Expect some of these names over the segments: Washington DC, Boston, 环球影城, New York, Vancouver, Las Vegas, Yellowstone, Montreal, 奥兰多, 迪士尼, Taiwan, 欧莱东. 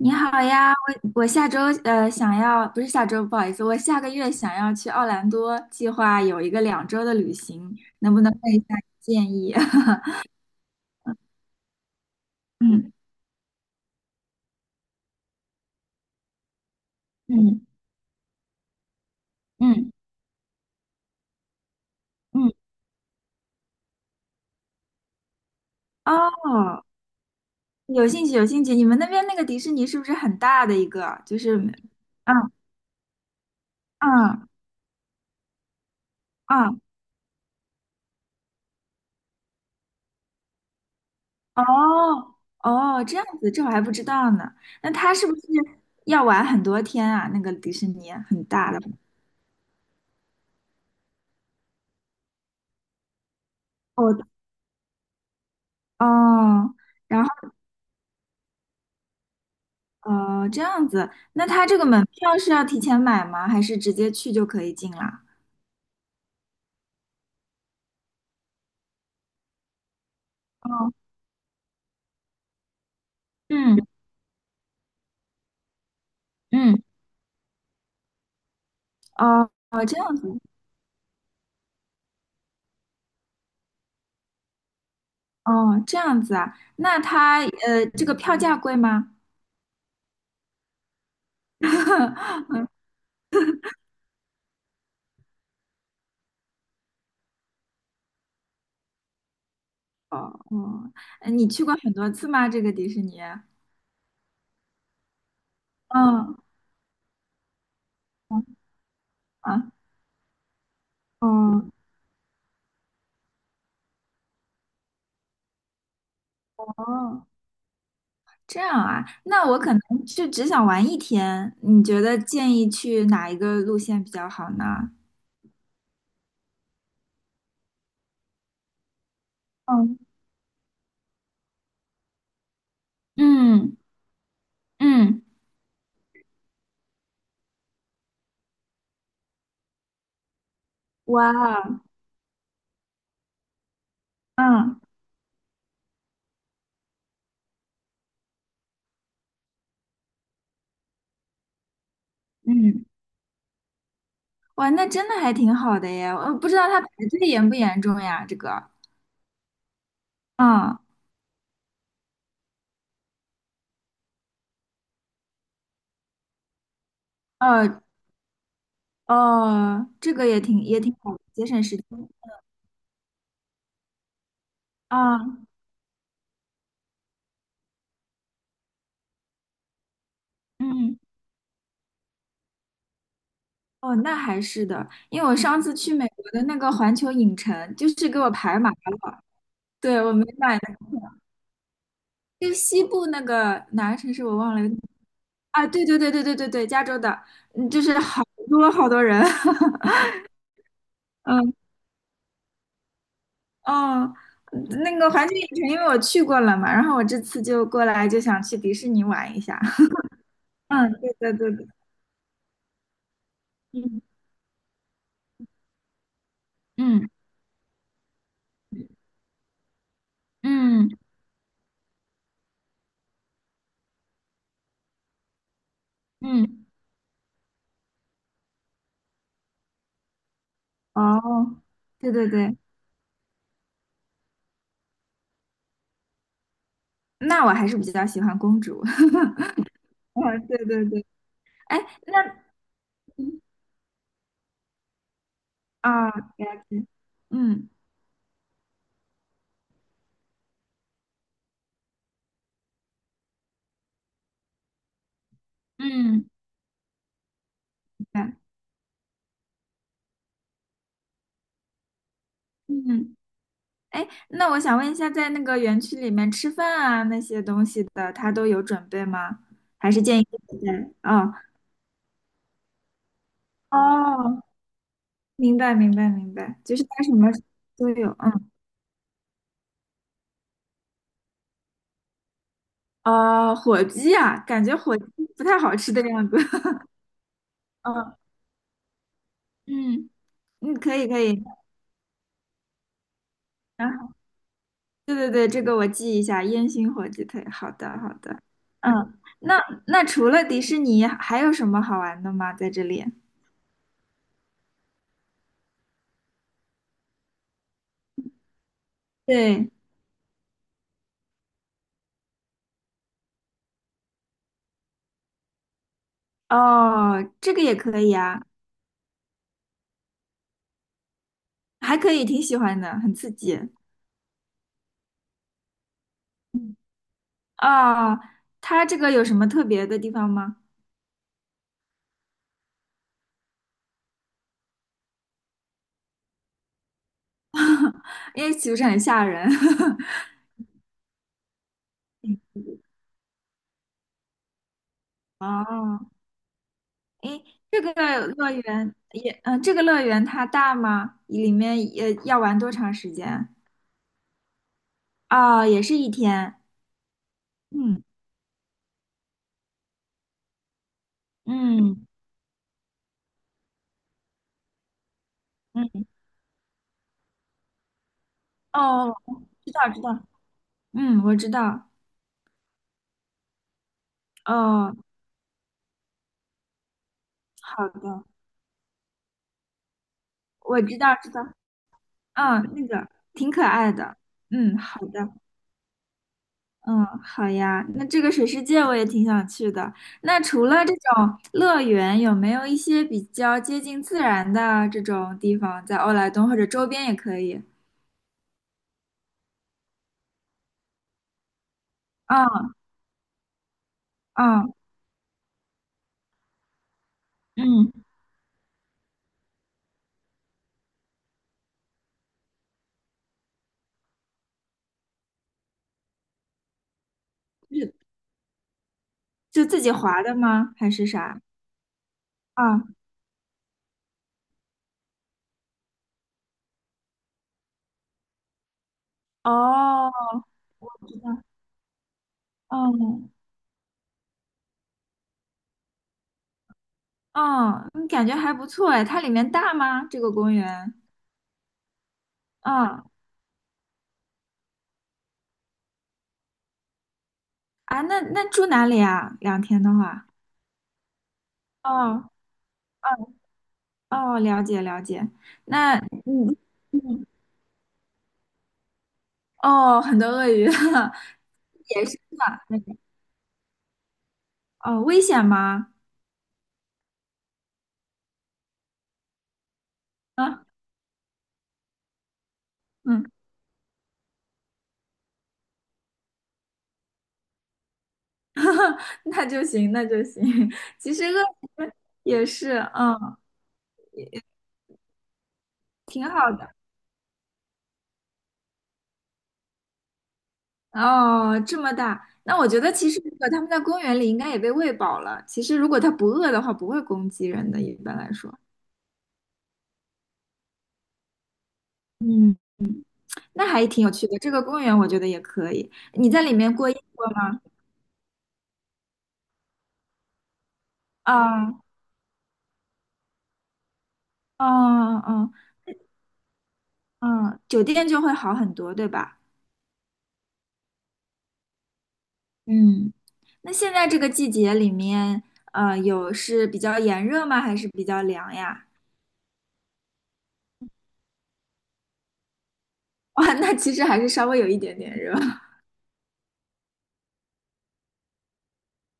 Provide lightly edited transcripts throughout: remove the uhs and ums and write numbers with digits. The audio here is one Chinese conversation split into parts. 你好呀，我下周想要，不是下周，不好意思，我下个月想要去奥兰多，计划有一个2周的旅行，能不能问一下建议？嗯嗯嗯嗯。哦，有兴趣有兴趣，你们那边那个迪士尼是不是很大的一个？就是，嗯嗯嗯。哦哦，这样子，这我还不知道呢。那他是不是要玩很多天啊？那个迪士尼很大的。哦哦。然后。哦，这样子，那他这个门票是要提前买吗？还是直接去就可以进啦？哦，嗯嗯。哦哦，这样子，哦这样子啊，那他，这个票价贵吗？哦哦。你去过很多次吗？这个迪士尼？嗯啊。哦哦，这样啊，那我可能是只想玩一天，你觉得建议去哪一个路线比较好呢？嗯嗯嗯。哇，嗯。嗯。哇，那真的还挺好的耶！我不知道他排队严不严重呀？这个，嗯，呃，哦，这个也挺也挺好的，节省时间啊。嗯。哦，那还是的，因为我上次去美国的那个环球影城，就是给我排满了。对，我没买那个票，就是西部那个哪个城市我忘了。啊，对对对对对对对，加州的。嗯，就是好多好多人。嗯。哦，那个环球影城，因为我去过了嘛，然后我这次就过来就想去迪士尼玩一下。嗯，对对对对。嗯嗯嗯嗯。哦，对对对，那我还是比较喜欢公主。哦，对对对。哎，那啊，了解。嗯嗯。明白。嗯，哎，那我想问一下，在那个园区里面吃饭啊那些东西的，他都有准备吗？还是建议自己带？哦哦，明白明白明白，就是它什么都有，嗯。啊、火鸡啊，感觉火鸡不太好吃的样子。嗯嗯嗯，可以可以，然后对对对，这个我记一下，烟熏火鸡腿，好的好的。嗯，那那除了迪士尼还有什么好玩的吗？在这里？对。哦，这个也可以啊。还可以，挺喜欢的，很刺激。嗯。哦，它这个有什么特别的地方吗？因为岂不是很吓人？哦。诶，这个乐园也，嗯、这个乐园它大吗？里面也要玩多长时间？啊？也是一天。嗯嗯嗯。哦，知道知道，嗯，我知道。哦，好的。我知道知道。嗯，那个挺可爱的。嗯，好的。嗯，好呀。那这个水世界我也挺想去的。那除了这种乐园，有没有一些比较接近自然的这种地方，在欧莱东或者周边也可以？啊啊。嗯，是就自己划的吗？还是啥？啊。哦，知道。嗯嗯。嗯，感觉还不错哎。它里面大吗？这个公园？嗯。啊，那那住哪里啊？两天的话。哦哦哦，了解了解。那嗯嗯，哦，很多鳄鱼。野生的那个。哦，危险吗？啊。嗯。那就行，那就行。其实鳄鱼也是，嗯，挺好的。哦，这么大，那我觉得其实如果他们在公园里应该也被喂饱了。其实如果它不饿的话，不会攻击人的，一般来说。嗯，那还挺有趣的。这个公园我觉得也可以。你在里面过夜过吗？啊，啊啊。嗯，酒店就会好很多，对吧？嗯，那现在这个季节里面，有是比较炎热吗？还是比较凉呀？哇，那其实还是稍微有一点点热。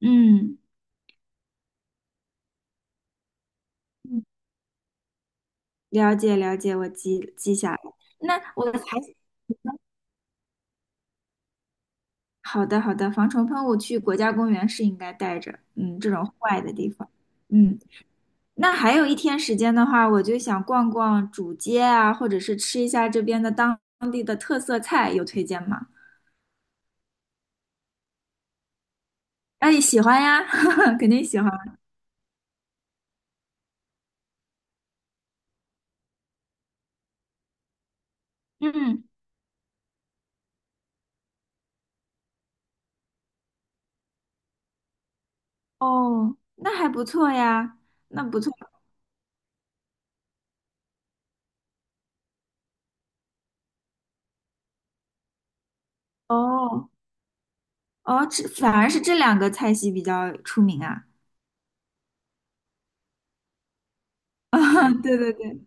嗯。了解了解，我记记下来。那我还好的好的，防虫喷雾去国家公园是应该带着，嗯，这种户外的地方。嗯。那还有一天时间的话，我就想逛逛主街啊，或者是吃一下这边的当地的特色菜，有推荐吗？哎，喜欢呀。肯定喜欢。嗯。哦，那还不错呀，那不错。哦哦，这反而是这两个菜系比较出名啊。啊，对对对。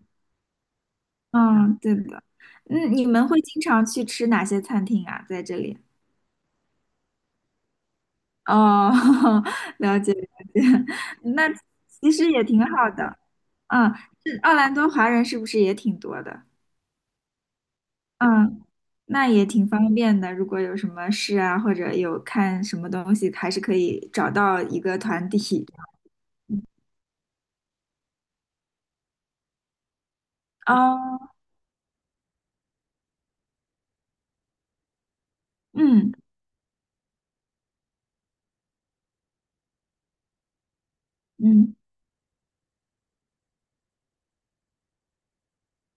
嗯，对的。嗯，你们会经常去吃哪些餐厅啊？在这里？哦。了解了解。那其实也挺好的。嗯，这奥兰多华人是不是也挺多的？嗯，那也挺方便的。如果有什么事啊，或者有看什么东西，还是可以找到一个团体。哦。嗯嗯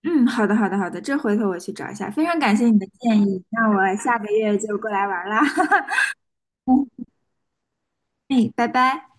嗯，好的好的好的，这回头我去找一下。非常感谢你的建议，那我下个月就过来玩啦。哎，拜拜。